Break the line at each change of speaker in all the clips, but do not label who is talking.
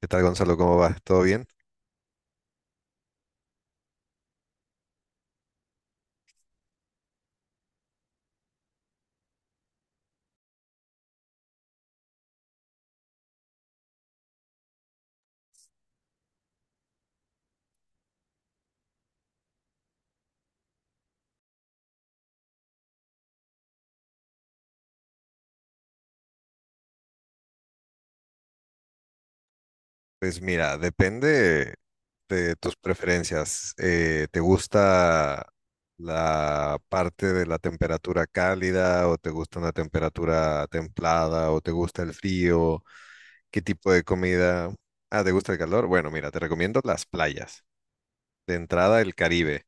¿Qué tal, Gonzalo? ¿Cómo va? ¿Todo bien? Pues mira, depende de tus preferencias. ¿Te gusta la parte de la temperatura cálida o te gusta una temperatura templada o te gusta el frío? ¿Qué tipo de comida? Ah, ¿te gusta el calor? Bueno, mira, te recomiendo las playas. De entrada, el Caribe.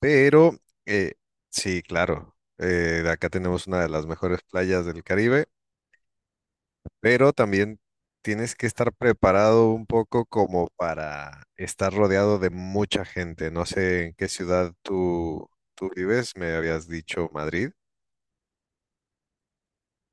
Pero, eh, sí, claro, acá tenemos una de las mejores playas del Caribe, pero también tienes que estar preparado un poco como para estar rodeado de mucha gente. No sé en qué ciudad tú vives, me habías dicho Madrid.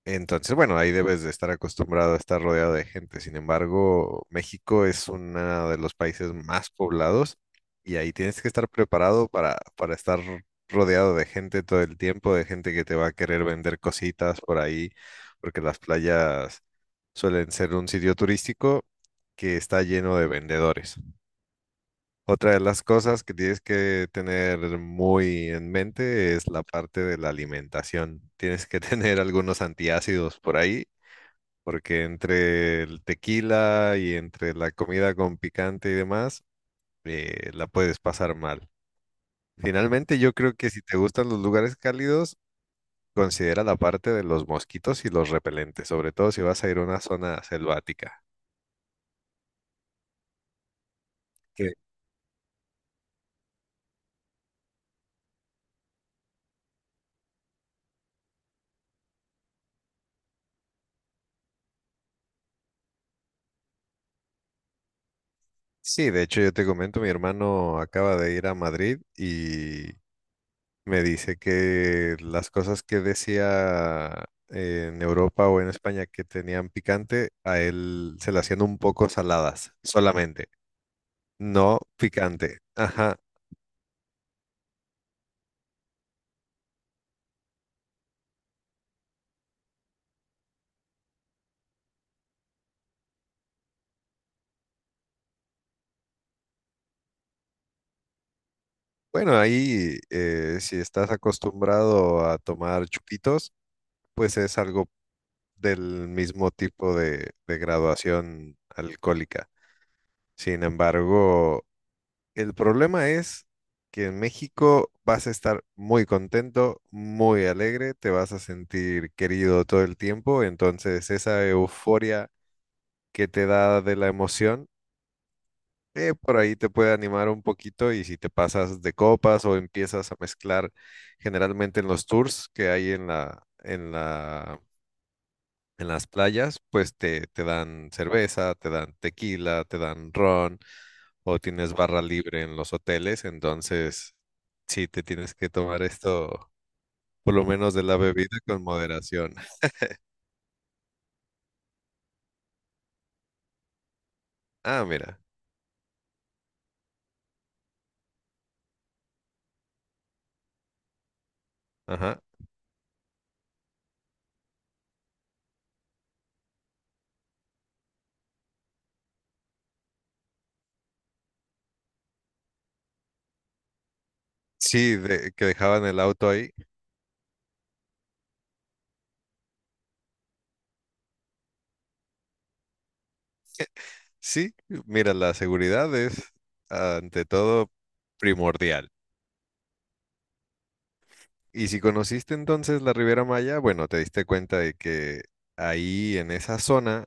Entonces, bueno, ahí debes de estar acostumbrado a estar rodeado de gente. Sin embargo, México es uno de los países más poblados y ahí tienes que estar preparado para estar rodeado de gente todo el tiempo, de gente que te va a querer vender cositas por ahí, porque las playas suelen ser un sitio turístico que está lleno de vendedores. Otra de las cosas que tienes que tener muy en mente es la parte de la alimentación. Tienes que tener algunos antiácidos por ahí porque entre el tequila y entre la comida con picante y demás, la puedes pasar mal. Finalmente, yo creo que si te gustan los lugares cálidos, considera la parte de los mosquitos y los repelentes, sobre todo si vas a ir a una zona selvática. Que- Sí, de hecho, yo te comento, mi hermano acaba de ir a Madrid y me dice que las cosas que decía en Europa o en España que tenían picante, a él se le hacían un poco saladas solamente. No picante. Ajá. Bueno, ahí, si estás acostumbrado a tomar chupitos, pues es algo del mismo tipo de graduación alcohólica. Sin embargo, el problema es que en México vas a estar muy contento, muy alegre, te vas a sentir querido todo el tiempo, entonces esa euforia que te da de la emoción, por ahí te puede animar un poquito y si te pasas de copas o empiezas a mezclar generalmente en los tours que hay en las playas, pues te dan cerveza, te dan tequila, te dan ron o tienes barra libre en los hoteles, entonces sí te tienes que tomar esto, por lo menos de la bebida, con moderación. Ah, mira, ajá. Sí, que dejaban el auto ahí. Sí, mira, la seguridad es ante todo primordial. Y si conociste entonces la Riviera Maya, bueno, te diste cuenta de que ahí en esa zona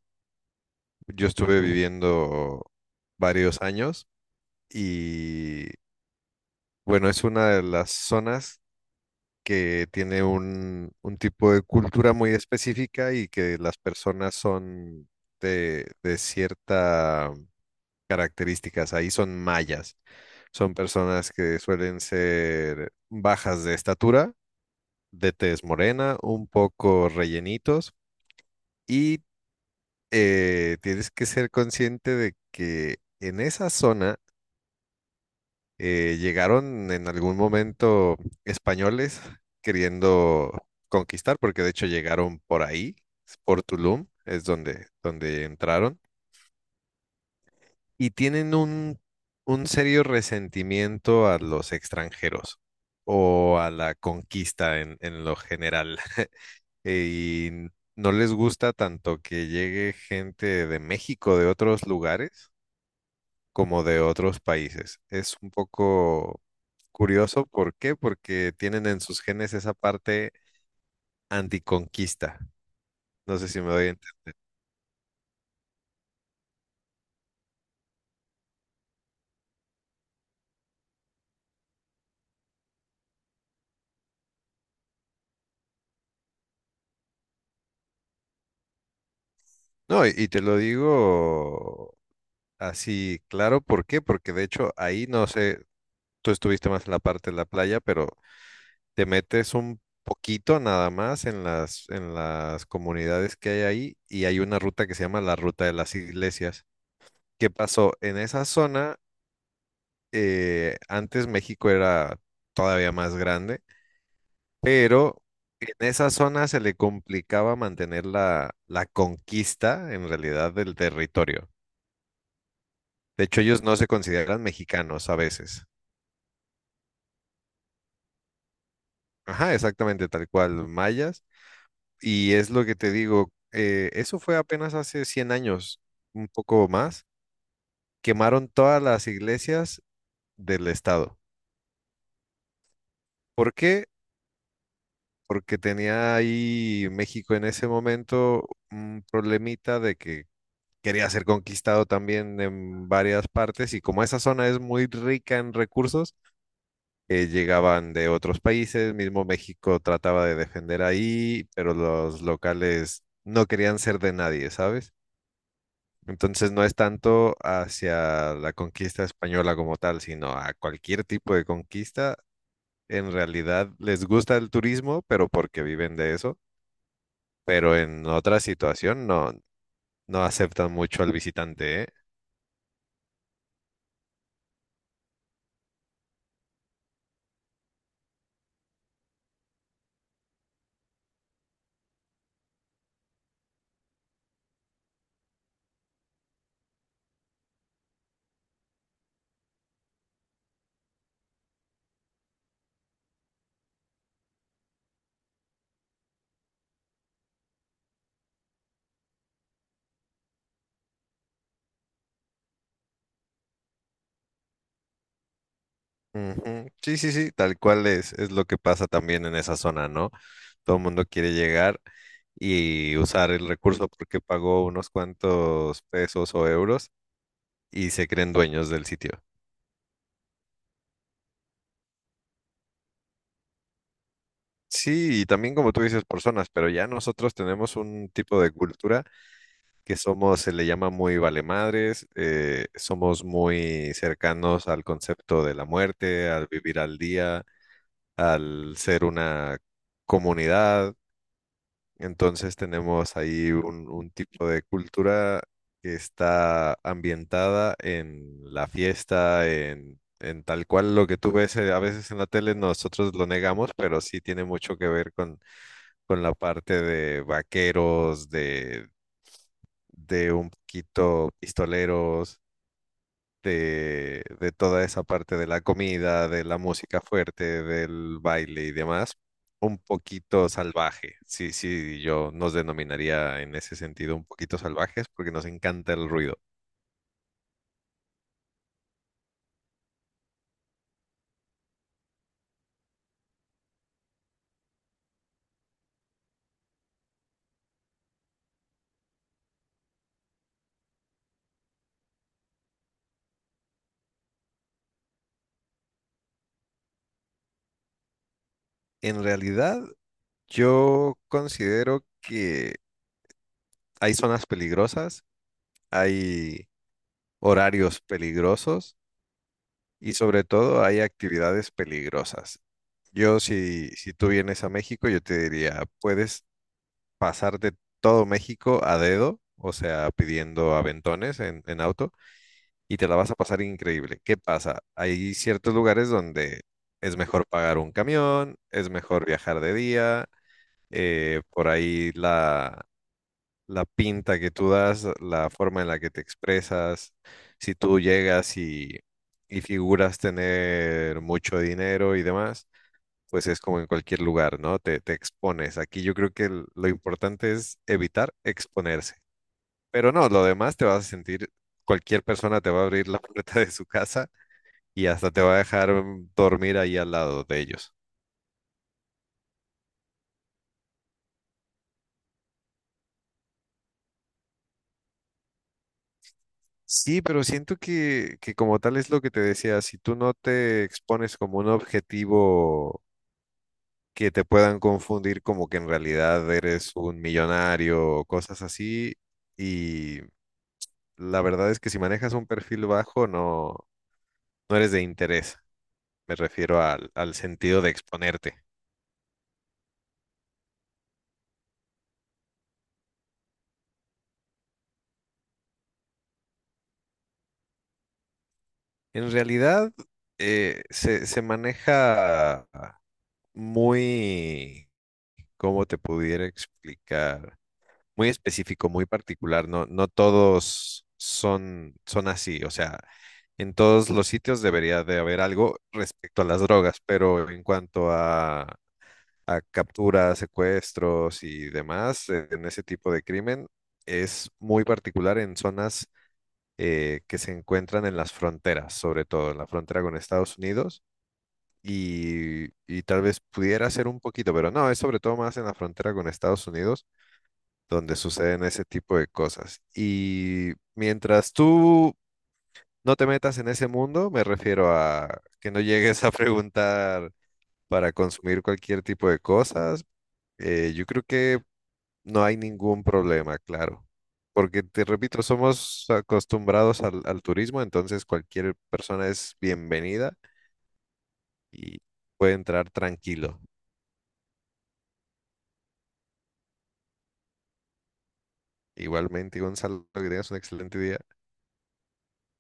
yo estuve viviendo varios años y bueno, es una de las zonas que tiene un tipo de cultura muy específica y que las personas son de ciertas características, ahí son mayas. Son personas que suelen ser bajas de estatura, de tez morena, un poco rellenitos y tienes que ser consciente de que en esa zona llegaron en algún momento españoles queriendo conquistar, porque de hecho llegaron por ahí, por Tulum, es donde, donde entraron. Y tienen un serio resentimiento a los extranjeros o a la conquista en lo general. Y no les gusta tanto que llegue gente de México, de otros lugares, como de otros países. Es un poco curioso, ¿por qué? Porque tienen en sus genes esa parte anticonquista. No sé si me doy a entender. No, y te lo digo así, claro, ¿por qué? Porque de hecho ahí no sé, tú estuviste más en la parte de la playa, pero te metes un poquito nada más en las comunidades que hay ahí y hay una ruta que se llama la Ruta de las Iglesias. ¿Qué pasó? En esa zona, antes México era todavía más grande, pero en esa zona se le complicaba mantener la conquista en realidad del territorio. De hecho, ellos no se consideran mexicanos a veces. Ajá, exactamente, tal cual, mayas. Y es lo que te digo, eso fue apenas hace 100 años, un poco más, quemaron todas las iglesias del estado. ¿Por qué? Porque tenía ahí México en ese momento un problemita de que quería ser conquistado también en varias partes y como esa zona es muy rica en recursos, llegaban de otros países, mismo México trataba de defender ahí, pero los locales no querían ser de nadie, ¿sabes? Entonces no es tanto hacia la conquista española como tal, sino a cualquier tipo de conquista. En realidad les gusta el turismo, pero porque viven de eso. Pero en otra situación no, no aceptan mucho al visitante, ¿eh? Ujú. Sí, sí, sí, tal cual es lo que pasa también en esa zona, ¿no? Todo el mundo quiere llegar y usar el recurso porque pagó unos cuantos pesos o euros y se creen dueños del sitio. Sí, y también como tú dices, personas, pero ya nosotros tenemos un tipo de cultura que somos, se le llama muy valemadres, somos muy cercanos al concepto de la muerte, al vivir al día, al ser una comunidad. Entonces tenemos ahí un tipo de cultura que está ambientada en la fiesta, en tal cual lo que tú ves a veces en la tele, nosotros lo negamos, pero sí tiene mucho que ver con la parte de vaqueros, de un poquito pistoleros, de toda esa parte de la comida, de la música fuerte, del baile y demás, un poquito salvaje. Sí, sí, yo nos denominaría en ese sentido un poquito salvajes porque nos encanta el ruido. En realidad, yo considero que hay zonas peligrosas, hay horarios peligrosos y sobre todo hay actividades peligrosas. Yo, si tú vienes a México, yo te diría, puedes pasarte todo México a dedo, o sea, pidiendo aventones en auto, y te la vas a pasar increíble. ¿Qué pasa? Hay ciertos lugares donde es mejor pagar un camión, es mejor viajar de día, por ahí la pinta que tú das, la forma en la que te expresas, si tú llegas y figuras tener mucho dinero y demás, pues es como en cualquier lugar, ¿no? Te expones. Aquí yo creo que lo importante es evitar exponerse. Pero no, lo demás te vas a sentir, cualquier persona te va a abrir la puerta de su casa y hasta te va a dejar mm, dormir ahí al lado de ellos. Sí, pero siento que como tal es lo que te decía, si tú no te expones como un objetivo que te puedan confundir como que en realidad eres un millonario o cosas así, y la verdad es que si manejas un perfil bajo, no, no eres de interés, me refiero al sentido de exponerte. En realidad, se maneja muy, ¿cómo te pudiera explicar? Muy específico, muy particular. No, no todos son así. O sea, en todos los sitios debería de haber algo respecto a las drogas, pero en cuanto a capturas, secuestros y demás, en ese tipo de crimen, es muy particular en zonas que se encuentran en las fronteras, sobre todo en la frontera con Estados Unidos. Y tal vez pudiera ser un poquito, pero no, es sobre todo más en la frontera con Estados Unidos donde suceden ese tipo de cosas. Y mientras tú no te metas en ese mundo, me refiero a que no llegues a preguntar para consumir cualquier tipo de cosas, yo creo que no hay ningún problema, claro. Porque te repito, somos acostumbrados al turismo, entonces cualquier persona es bienvenida y puede entrar tranquilo. Igualmente, Gonzalo, que tengas un excelente día.